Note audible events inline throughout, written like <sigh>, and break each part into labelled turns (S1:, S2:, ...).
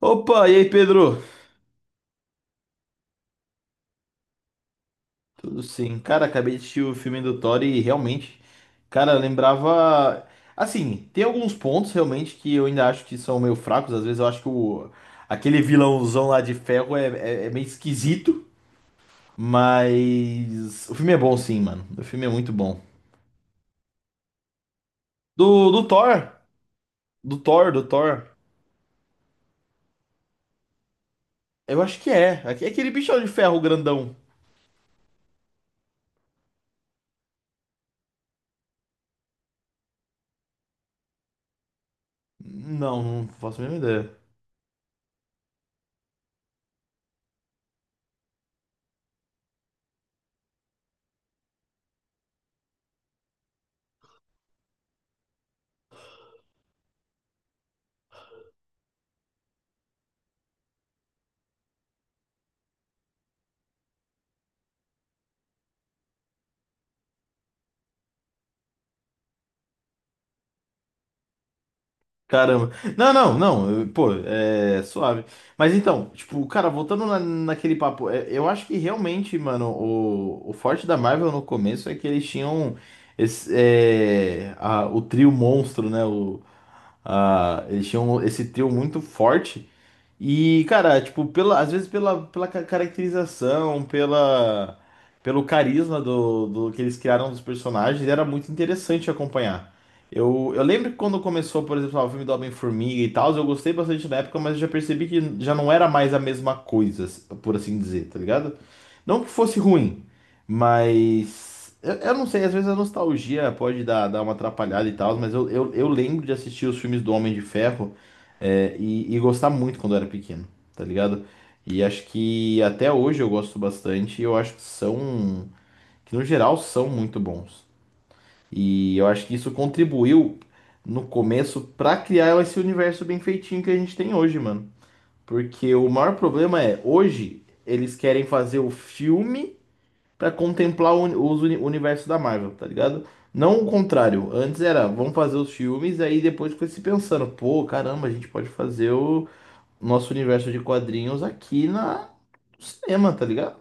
S1: Opa, e aí, Pedro? Tudo sim. Cara, acabei de assistir o filme do Thor e realmente, cara, lembrava. Assim, tem alguns pontos realmente que eu ainda acho que são meio fracos. Às vezes eu acho que aquele vilãozão lá de ferro é meio esquisito. Mas o filme é bom sim, mano. O filme é muito bom. Do Thor? Do Thor, do Thor. Eu acho que é. Aquele bichão de ferro grandão. Não, não faço a mínima ideia. Caramba. Não, não, não. Pô, é suave. Mas então, tipo, cara, voltando naquele papo, eu acho que realmente, mano, o forte da Marvel no começo é que eles tinham esse, o trio monstro, né? Eles tinham esse trio muito forte. E, cara, tipo, às vezes caracterização, pelo carisma do que eles criaram dos personagens, era muito interessante acompanhar. Eu lembro que quando começou, por exemplo, lá, o filme do Homem-Formiga e tal, eu gostei bastante na época, mas eu já percebi que já não era mais a mesma coisa, por assim dizer, tá ligado? Não que fosse ruim, mas eu não sei, às vezes a nostalgia pode dar uma atrapalhada e tal, mas eu lembro de assistir os filmes do Homem de Ferro. E gostar muito quando eu era pequeno, tá ligado? E acho que até hoje eu gosto bastante e eu acho que são, que no geral são muito bons. E eu acho que isso contribuiu no começo pra criar esse universo bem feitinho que a gente tem hoje, mano. Porque o maior problema é, hoje eles querem fazer o filme pra contemplar o universo da Marvel, tá ligado? Não o contrário. Antes era, vamos fazer os filmes, aí depois foi se pensando, pô, caramba, a gente pode fazer o nosso universo de quadrinhos aqui na no cinema, tá ligado?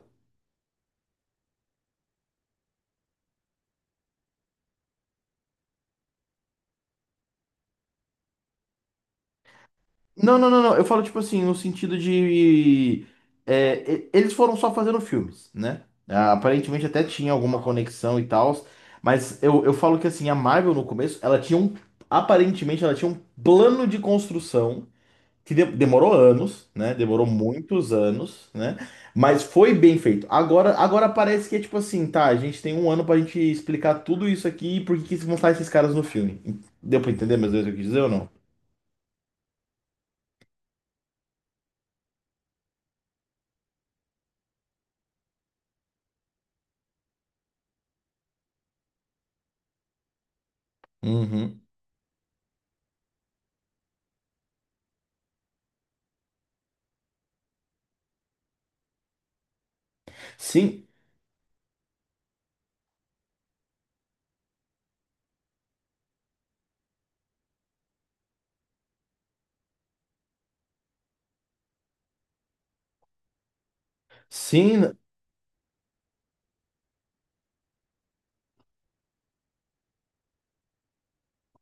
S1: Não, não, não, não. Eu falo, tipo assim, no sentido de. Eles foram só fazendo filmes, né? Ah, aparentemente até tinha alguma conexão e tal. Mas eu falo que assim, a Marvel no começo, ela tinha um. Aparentemente ela tinha um plano de construção que demorou anos, né? Demorou muitos anos, né? Mas foi bem feito. Agora parece que é tipo assim, tá? A gente tem um ano pra gente explicar tudo isso aqui e por que que vão estar esses caras no filme. Deu pra entender mais ou menos o que eu quis dizer ou não? Uhum. Sim, sim.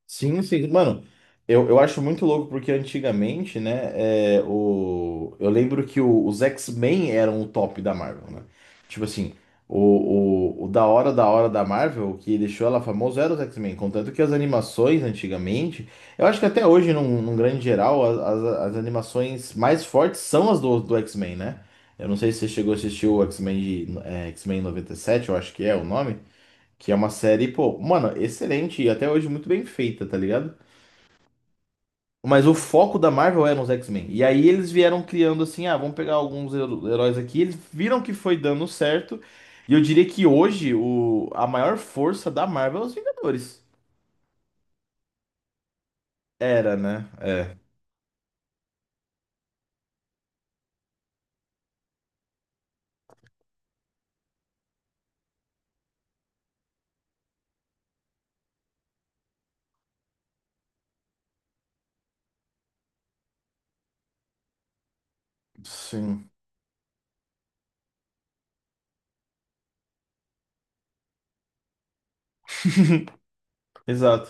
S1: Sim, sim. Mano, eu acho muito louco porque antigamente, né, eu lembro que os X-Men eram o top da Marvel, né? Tipo assim, o da hora da hora da Marvel, o que deixou ela famosa era os X-Men. Contanto que as animações antigamente, eu acho que até hoje, num grande geral, as animações mais fortes são as do X-Men, né? Eu não sei se você chegou a assistir o X-Men X-Men 97 eu acho que é o nome. Que é uma série, pô, mano, excelente e até hoje muito bem feita, tá ligado? Mas o foco da Marvel era os X-Men. E aí eles vieram criando assim, ah, vamos pegar alguns heróis aqui. Eles viram que foi dando certo. E eu diria que hoje a maior força da Marvel é os Vingadores. Era, né? É. Sim. <laughs> Exato.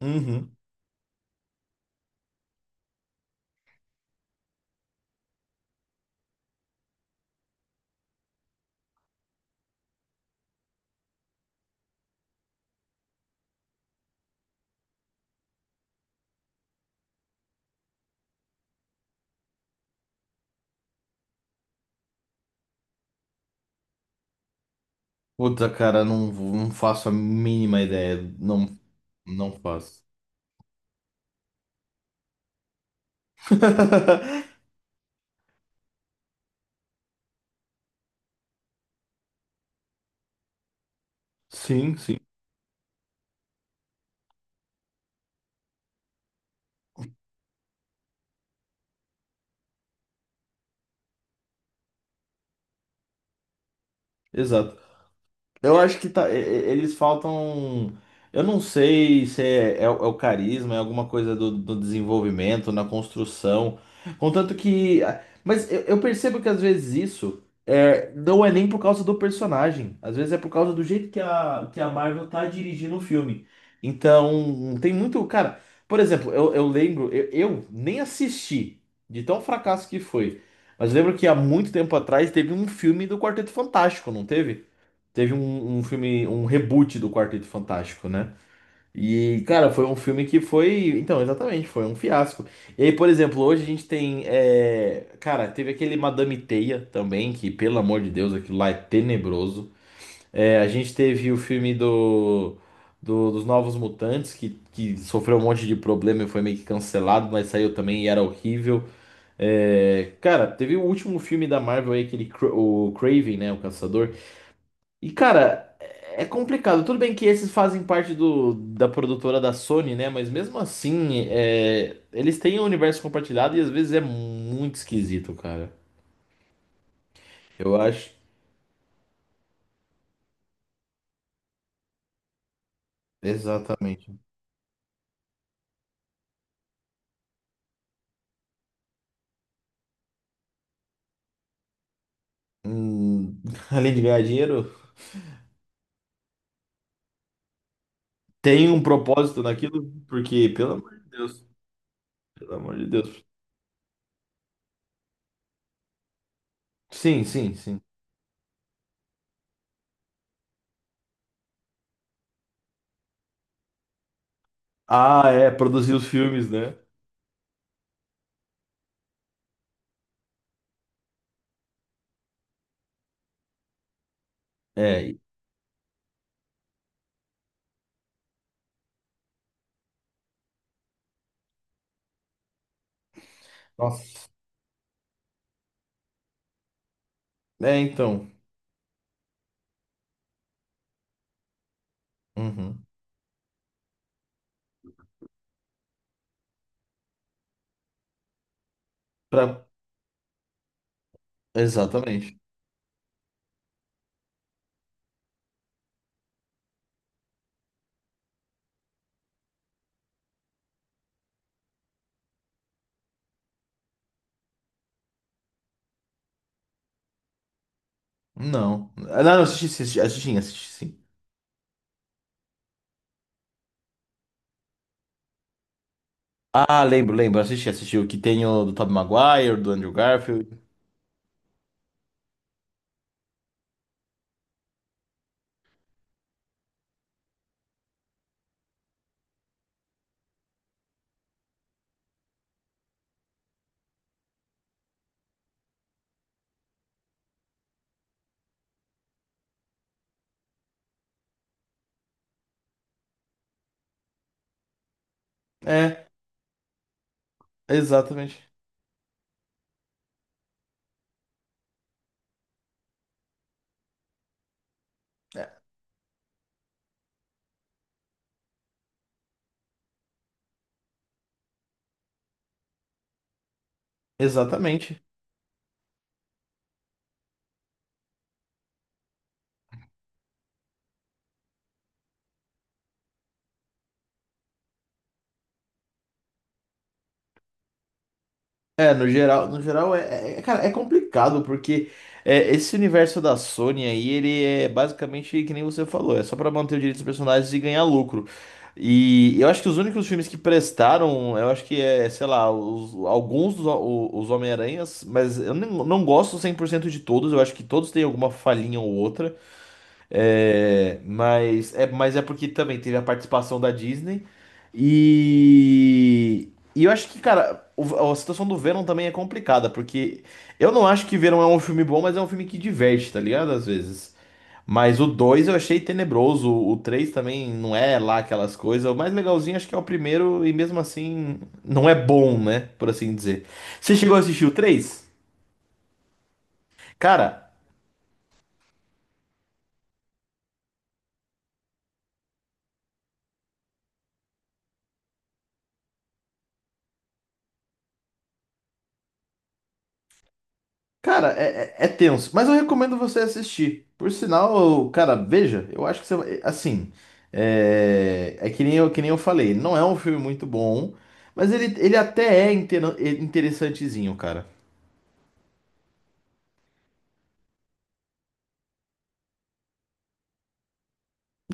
S1: Uhum. Puta, cara, não, não faço a mínima ideia. Não, não faço. <laughs> Sim, sim. Exato. Eu acho que tá, eles faltam. Eu não sei se é o carisma, é alguma coisa do desenvolvimento, na construção. Contanto que. Mas eu percebo que às vezes não é nem por causa do personagem. Às vezes é por causa do jeito que a Marvel tá dirigindo o filme. Então, tem muito. Cara, por exemplo, eu lembro, eu nem assisti, de tão fracasso que foi. Mas lembro que há muito tempo atrás teve um filme do Quarteto Fantástico, não teve? Teve um filme, um reboot do Quarteto Fantástico, né? E, cara, foi um filme que foi. Então, exatamente, foi um fiasco. E aí, por exemplo, hoje a gente tem. Cara, teve aquele Madame Teia também, que, pelo amor de Deus, aquilo lá é tenebroso. É, a gente teve o filme dos Novos Mutantes, que sofreu um monte de problema e foi meio que cancelado, mas saiu também e era horrível. É, cara, teve o último filme da Marvel aí, aquele o Craven, né? O Caçador. E, cara, é complicado. Tudo bem que esses fazem parte da produtora da Sony, né? Mas mesmo assim, eles têm um universo compartilhado e às vezes é muito esquisito, cara. Eu acho. Exatamente. Hum, <laughs> além de ganhar dinheiro, tem um propósito naquilo, porque, pelo amor de Deus, pelo amor de Deus. Sim, sim, sim. Ah, é, produzir os filmes, né? É. Nossa. É, então. Uhum. Pra... Exatamente. Não. Ah, não, não, assisti, assisti, assisti, assisti, sim. Ah, lembro, lembro, assisti, assisti o que tem o do Tobey Maguire, do Andrew Garfield. É, exatamente. É, exatamente. É, no geral, no geral é, cara, é complicado porque esse universo da Sony aí, ele é basicamente que nem você falou, é só pra manter o direito dos personagens e ganhar lucro. E eu acho que os únicos filmes que prestaram, eu acho que sei lá, alguns dos os Homem-Aranhas, mas eu não gosto 100% de todos, eu acho que todos têm alguma falhinha ou outra. É, mas é porque também teve a participação da Disney. E, e eu acho que, cara, a situação do Venom também é complicada, porque eu não acho que Venom é um filme bom, mas é um filme que diverte, tá ligado? Às vezes. Mas o 2 eu achei tenebroso, o 3 também não é lá aquelas coisas. O mais legalzinho acho que é o primeiro, e mesmo assim não é bom, né? Por assim dizer. Você chegou a assistir o 3? Cara. Cara, é tenso, mas eu recomendo você assistir. Por sinal, cara, veja, eu acho que você vai. Assim, é que nem eu, falei, não é um filme muito bom, mas ele até é interessantezinho, cara.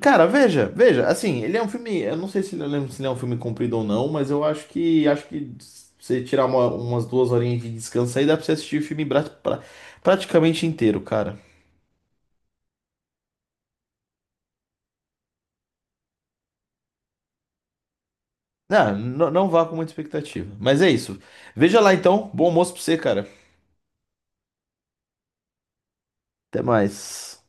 S1: Cara, veja, veja, assim, ele é um filme. Eu não sei se ele, eu lembro se ele é um filme comprido ou não, mas eu acho que se você tirar umas duas horinhas de descanso aí, dá pra você assistir o filme praticamente inteiro, cara. Ah, não vá com muita expectativa. Mas é isso. Veja lá então. Bom almoço pra você, cara. Até mais.